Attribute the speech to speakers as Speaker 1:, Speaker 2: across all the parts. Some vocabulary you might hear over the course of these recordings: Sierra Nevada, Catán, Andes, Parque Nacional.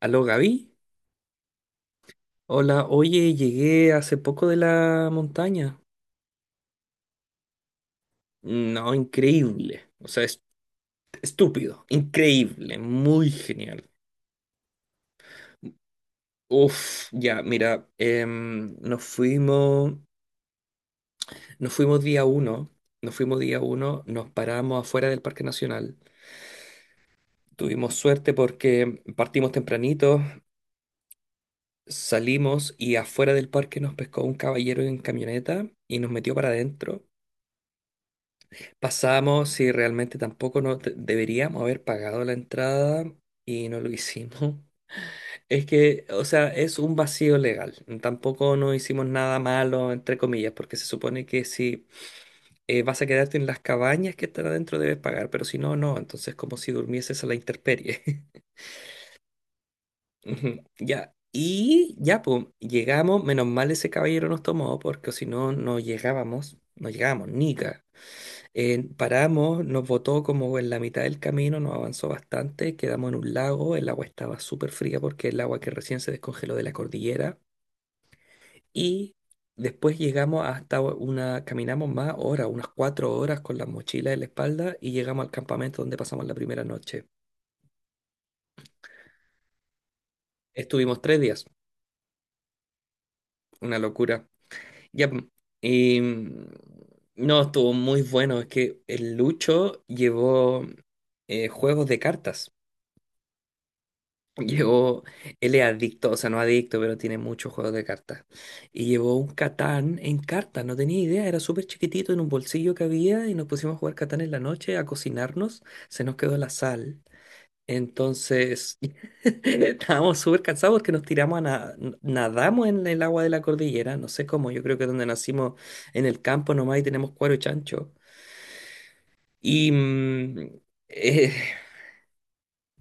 Speaker 1: Aló Gaby, hola, oye, llegué hace poco de la montaña. No, increíble, o sea, estúpido, increíble, muy genial. Uf, ya, mira, nos fuimos, nos fuimos día uno, nos fuimos día uno, nos paramos afuera del Parque Nacional. Tuvimos suerte porque partimos tempranito, salimos y afuera del parque nos pescó un caballero en camioneta y nos metió para adentro. Pasamos si realmente tampoco no te- deberíamos haber pagado la entrada y no lo hicimos. Es que, o sea, es un vacío legal. Tampoco no hicimos nada malo, entre comillas, porque se supone que si vas a quedarte en las cabañas que están adentro debes pagar, pero si no, no. Entonces como si durmieses a la intemperie. Ujú, ya. Y ya, pues, llegamos. Menos mal ese caballero nos tomó, porque si no, no llegábamos. No llegábamos, nica. Paramos, nos botó como en la mitad del camino, nos avanzó bastante, quedamos en un lago, el agua estaba súper fría porque el agua que recién se descongeló de la cordillera y después llegamos hasta una, caminamos más horas, unas 4 horas con las mochilas en la espalda y llegamos al campamento donde pasamos la primera noche. Estuvimos 3 días, una locura. Ya, pm, y mm, no, estuvo muy bueno, es que el Lucho llevó juegos de cartas. Llevó, él es adicto, o sea, no adicto, pero tiene muchos juegos de cartas. Y llevó un Catán en cartas, no tenía idea, era súper chiquitito en un bolsillo que había y nos pusimos a jugar Catán en la noche, a cocinarnos, se nos quedó la sal. Entonces, estábamos súper cansados porque nos tiramos a nadamos en el agua de la cordillera, no sé cómo, yo creo que donde nacimos en el campo nomás y tenemos cuero y chancho. Y mm,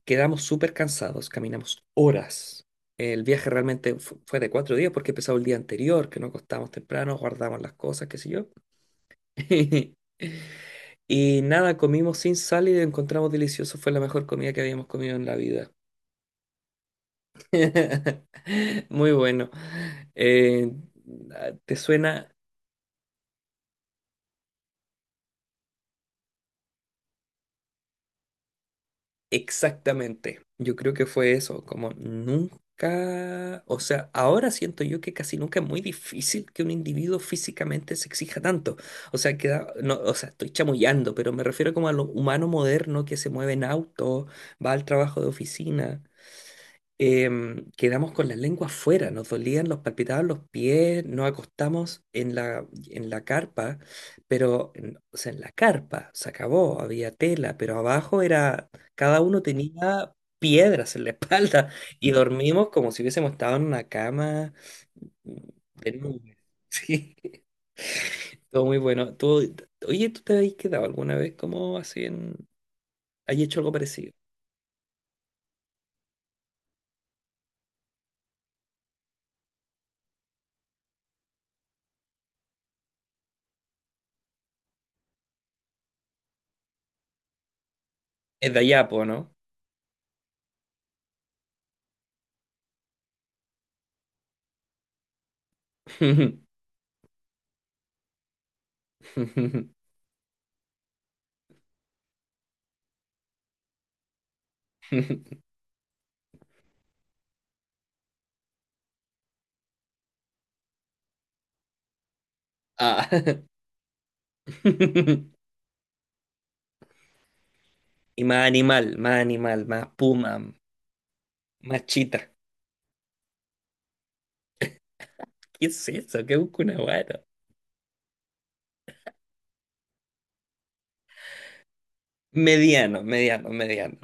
Speaker 1: Quedamos súper cansados, caminamos horas. El viaje realmente fue de 4 días porque empezó el día anterior, que nos acostamos temprano, guardamos las cosas, qué sé yo. Y nada, comimos sin sal y lo encontramos delicioso. Fue la mejor comida que habíamos comido en la vida. Muy bueno. Eh, ¿Te suena? Exactamente, yo creo que fue eso, como nunca, o sea, ahora siento yo que casi nunca es muy difícil que un individuo físicamente se exija tanto, o sea, queda, no, o sea, estoy chamullando, pero me refiero como a lo humano moderno que se mueve en auto, va al trabajo de oficina, quedamos con las lenguas fuera, nos dolían, nos palpitaban los pies, nos acostamos en la carpa, pero, o sea, en la carpa se acabó, había tela, pero abajo era, cada uno tenía piedras en la espalda y dormimos como si hubiésemos estado en una cama de nubes. Sí, todo muy bueno. Oye, ¿tú te habéis quedado alguna vez como así en... ¿Hay hecho algo parecido? Es de allá, po, ¿no? Ah. Y más animal, más animal, más puma, más chita. ¿Qué es eso? ¿Qué busca una guata? Mediano, mediano, mediano.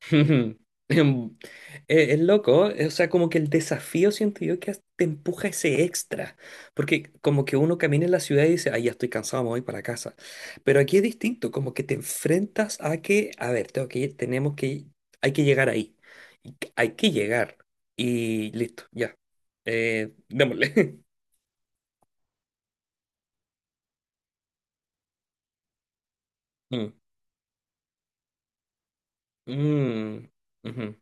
Speaker 1: Em, Es, loco, o sea, como que el desafío siento yo que te empuja ese extra, porque como que uno camina en la ciudad y dice, ay, ya estoy cansado, me voy para casa. Pero aquí es distinto, como que te enfrentas a que, a ver, tengo que ir, tenemos que, hay que llegar ahí, hay que llegar y listo, ya, démosle. Mm, ujú,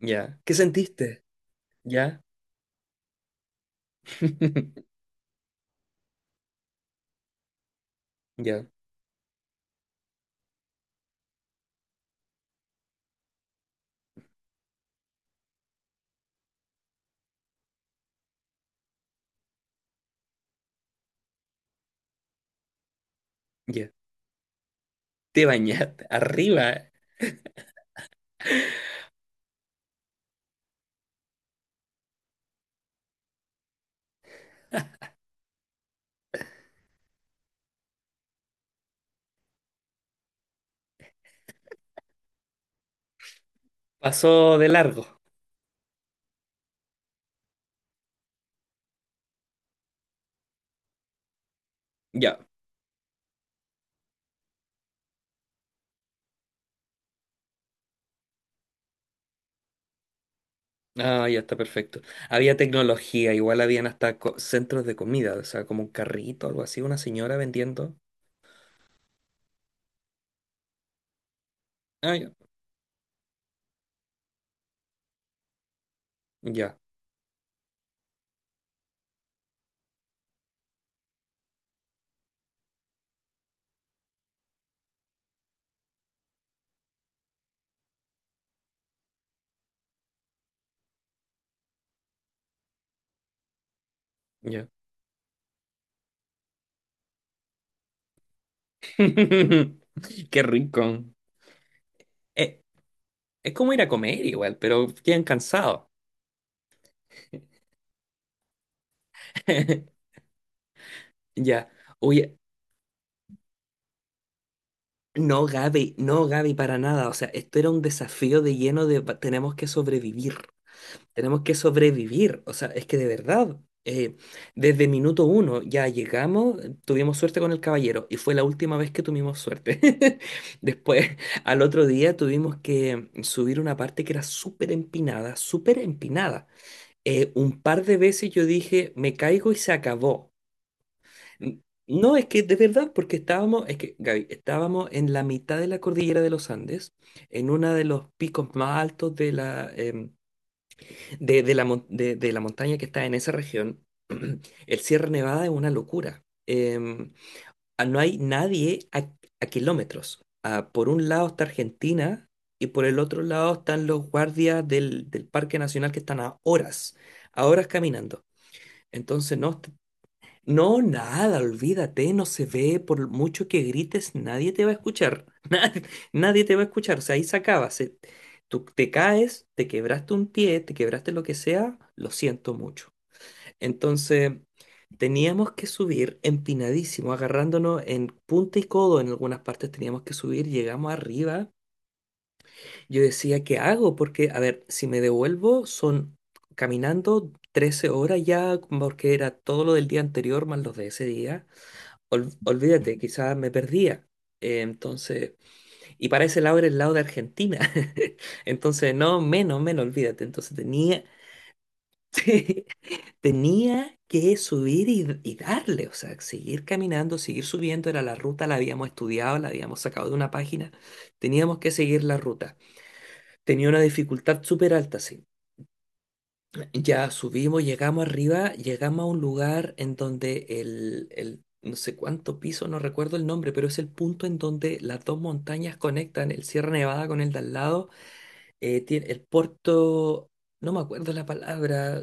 Speaker 1: ya. ¿Qué sentiste? Ya. Ya, ya. Te bañaste. Arriba. Pasó de largo. Ya. Ah, ya está perfecto. Había tecnología, igual habían hasta centros de comida, o sea, como un carrito, algo así, una señora vendiendo. Ah, ya. Ya, ya. Qué rico. Eh, es como ir a comer igual, pero quedan cansados. Ya. Oye. No, Gaby, no, Gaby, para nada. O sea, esto era un desafío de lleno de tenemos que sobrevivir, tenemos que sobrevivir. O sea, es que de verdad, desde minuto uno ya llegamos, tuvimos suerte con el caballero y fue la última vez que tuvimos suerte. Después, al otro día tuvimos que subir una parte que era súper empinada, súper empinada. Un par de veces yo dije, me caigo y se acabó. N- No, es que de verdad, porque estábamos, es que Gaby, estábamos en la mitad de la cordillera de los Andes, en uno de los picos más altos de la, em, de la, mon- de la montaña que está en esa región. El Sierra Nevada es una locura. No hay nadie a kilómetros. Ah, por un lado está Argentina y por el otro lado están los guardias del Parque Nacional que están a horas caminando. Entonces, no, no, nada, olvídate, no se ve, por mucho que grites, nadie te va a escuchar. Nadie, nadie te va a escuchar, o sea, ahí se acaba. Tú te caes, te quebraste un pie, te quebraste lo que sea, lo siento mucho. Entonces, teníamos que subir empinadísimo, agarrándonos en punta y codo en algunas partes teníamos que subir, llegamos arriba. Yo decía, ¿qué hago? Porque, a ver, si me devuelvo, son caminando 13 horas ya, porque era todo lo del día anterior más los de ese día olvídate, quizás me perdía. Entonces, y para ese lado era el lado de Argentina. Entonces, no, menos, menos, olvídate. Entonces tenía, sí, tenía que subir y darle, o sea, seguir caminando, seguir subiendo. Era la ruta, la habíamos estudiado, la habíamos sacado de una página. Teníamos que seguir la ruta. Tenía una dificultad súper alta, sí. Ya subimos, llegamos arriba, llegamos a un lugar en donde el no sé cuánto piso, no recuerdo el nombre, pero es el punto en donde las dos montañas conectan, el Sierra Nevada con el de al lado, tiene el puerto, no me acuerdo la palabra,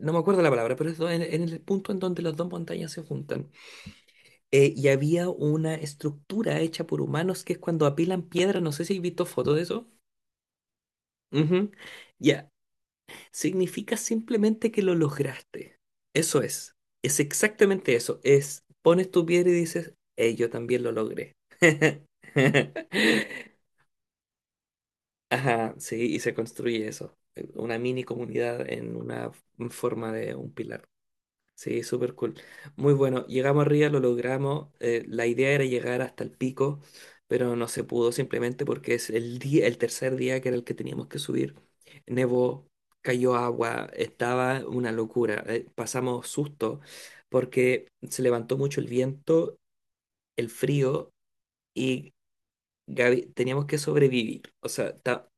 Speaker 1: no me acuerdo la palabra, pero es en el punto en donde las dos montañas se juntan. Y había una estructura hecha por humanos que es cuando apilan piedra, no sé si has visto fotos de eso. Ujú. Ya, significa simplemente que lo lograste. Eso es exactamente eso. Es, pones tu piedra y dices, hey, yo también lo logré. Ajá, sí, y se construye eso, una mini comunidad en una en forma de un pilar. Sí, súper cool. Muy bueno. Llegamos arriba, lo logramos. Eh, la idea era llegar hasta el pico, pero no se pudo simplemente porque es el día, el tercer día que era el que teníamos que subir. Nevó, cayó agua, estaba una locura. Eh, pasamos susto porque se levantó mucho el viento, el frío y Gaby, teníamos que sobrevivir. O sea, ta-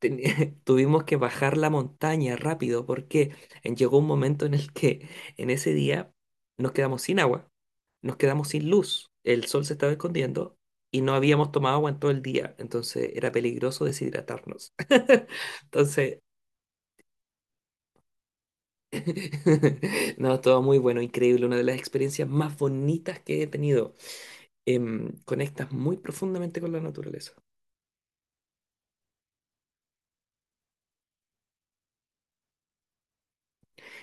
Speaker 1: teni- tuvimos que bajar la montaña rápido porque llegó un momento en el que en ese día nos quedamos sin agua, nos quedamos sin luz, el sol se estaba escondiendo y no habíamos tomado agua en todo el día, entonces era peligroso deshidratarnos. Entonces, no, todo muy bueno, increíble, una de las experiencias más bonitas que he tenido. Conectas muy profundamente con la naturaleza.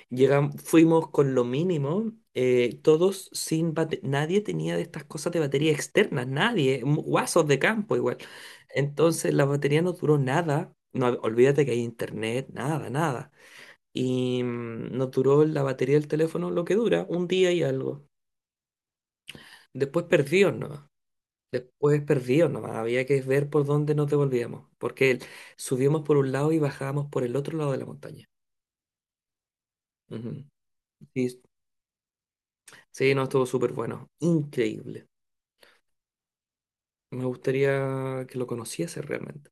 Speaker 1: Llegamos, fuimos con lo mínimo, todos sin bate- nadie tenía de estas cosas de batería externas, nadie, guasos de campo igual. Entonces la batería no duró nada, no, olvídate que hay internet, nada, nada. Nos duró la batería del teléfono lo que dura, un día y algo. Después perdió nomás, después perdió nomás, había que ver por dónde nos devolvíamos, porque subíamos por un lado y bajábamos por el otro lado de la montaña. Ujú. Sí, sí, no, estuvo súper bueno, increíble. Me gustaría que lo conociese realmente.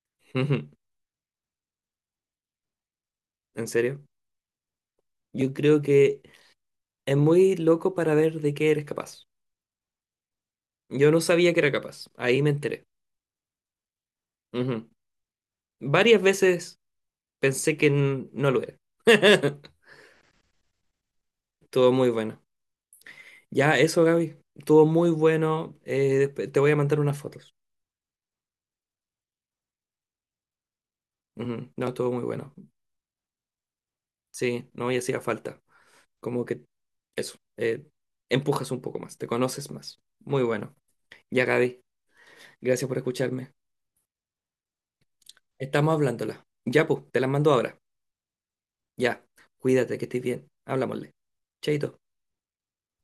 Speaker 1: Ujú. ¿En serio? Yo creo que es muy loco para ver de qué eres capaz. Yo no sabía que era capaz. Ahí me enteré. Ujú. Varias veces pensé que no lo era. Todo muy bueno. Ya, eso, Gaby. Todo muy bueno. Te voy a mandar unas fotos. Ujú. No, todo muy bueno. Sí, no me hacía falta. Como que eso. Empujas un poco más. Te conoces más. Muy bueno. Ya, Gaby. Gracias por escucharme. Estamos hablándola. Ya, pues, te la mando ahora. Ya, cuídate, que estés bien. Hablámosle. Chaito.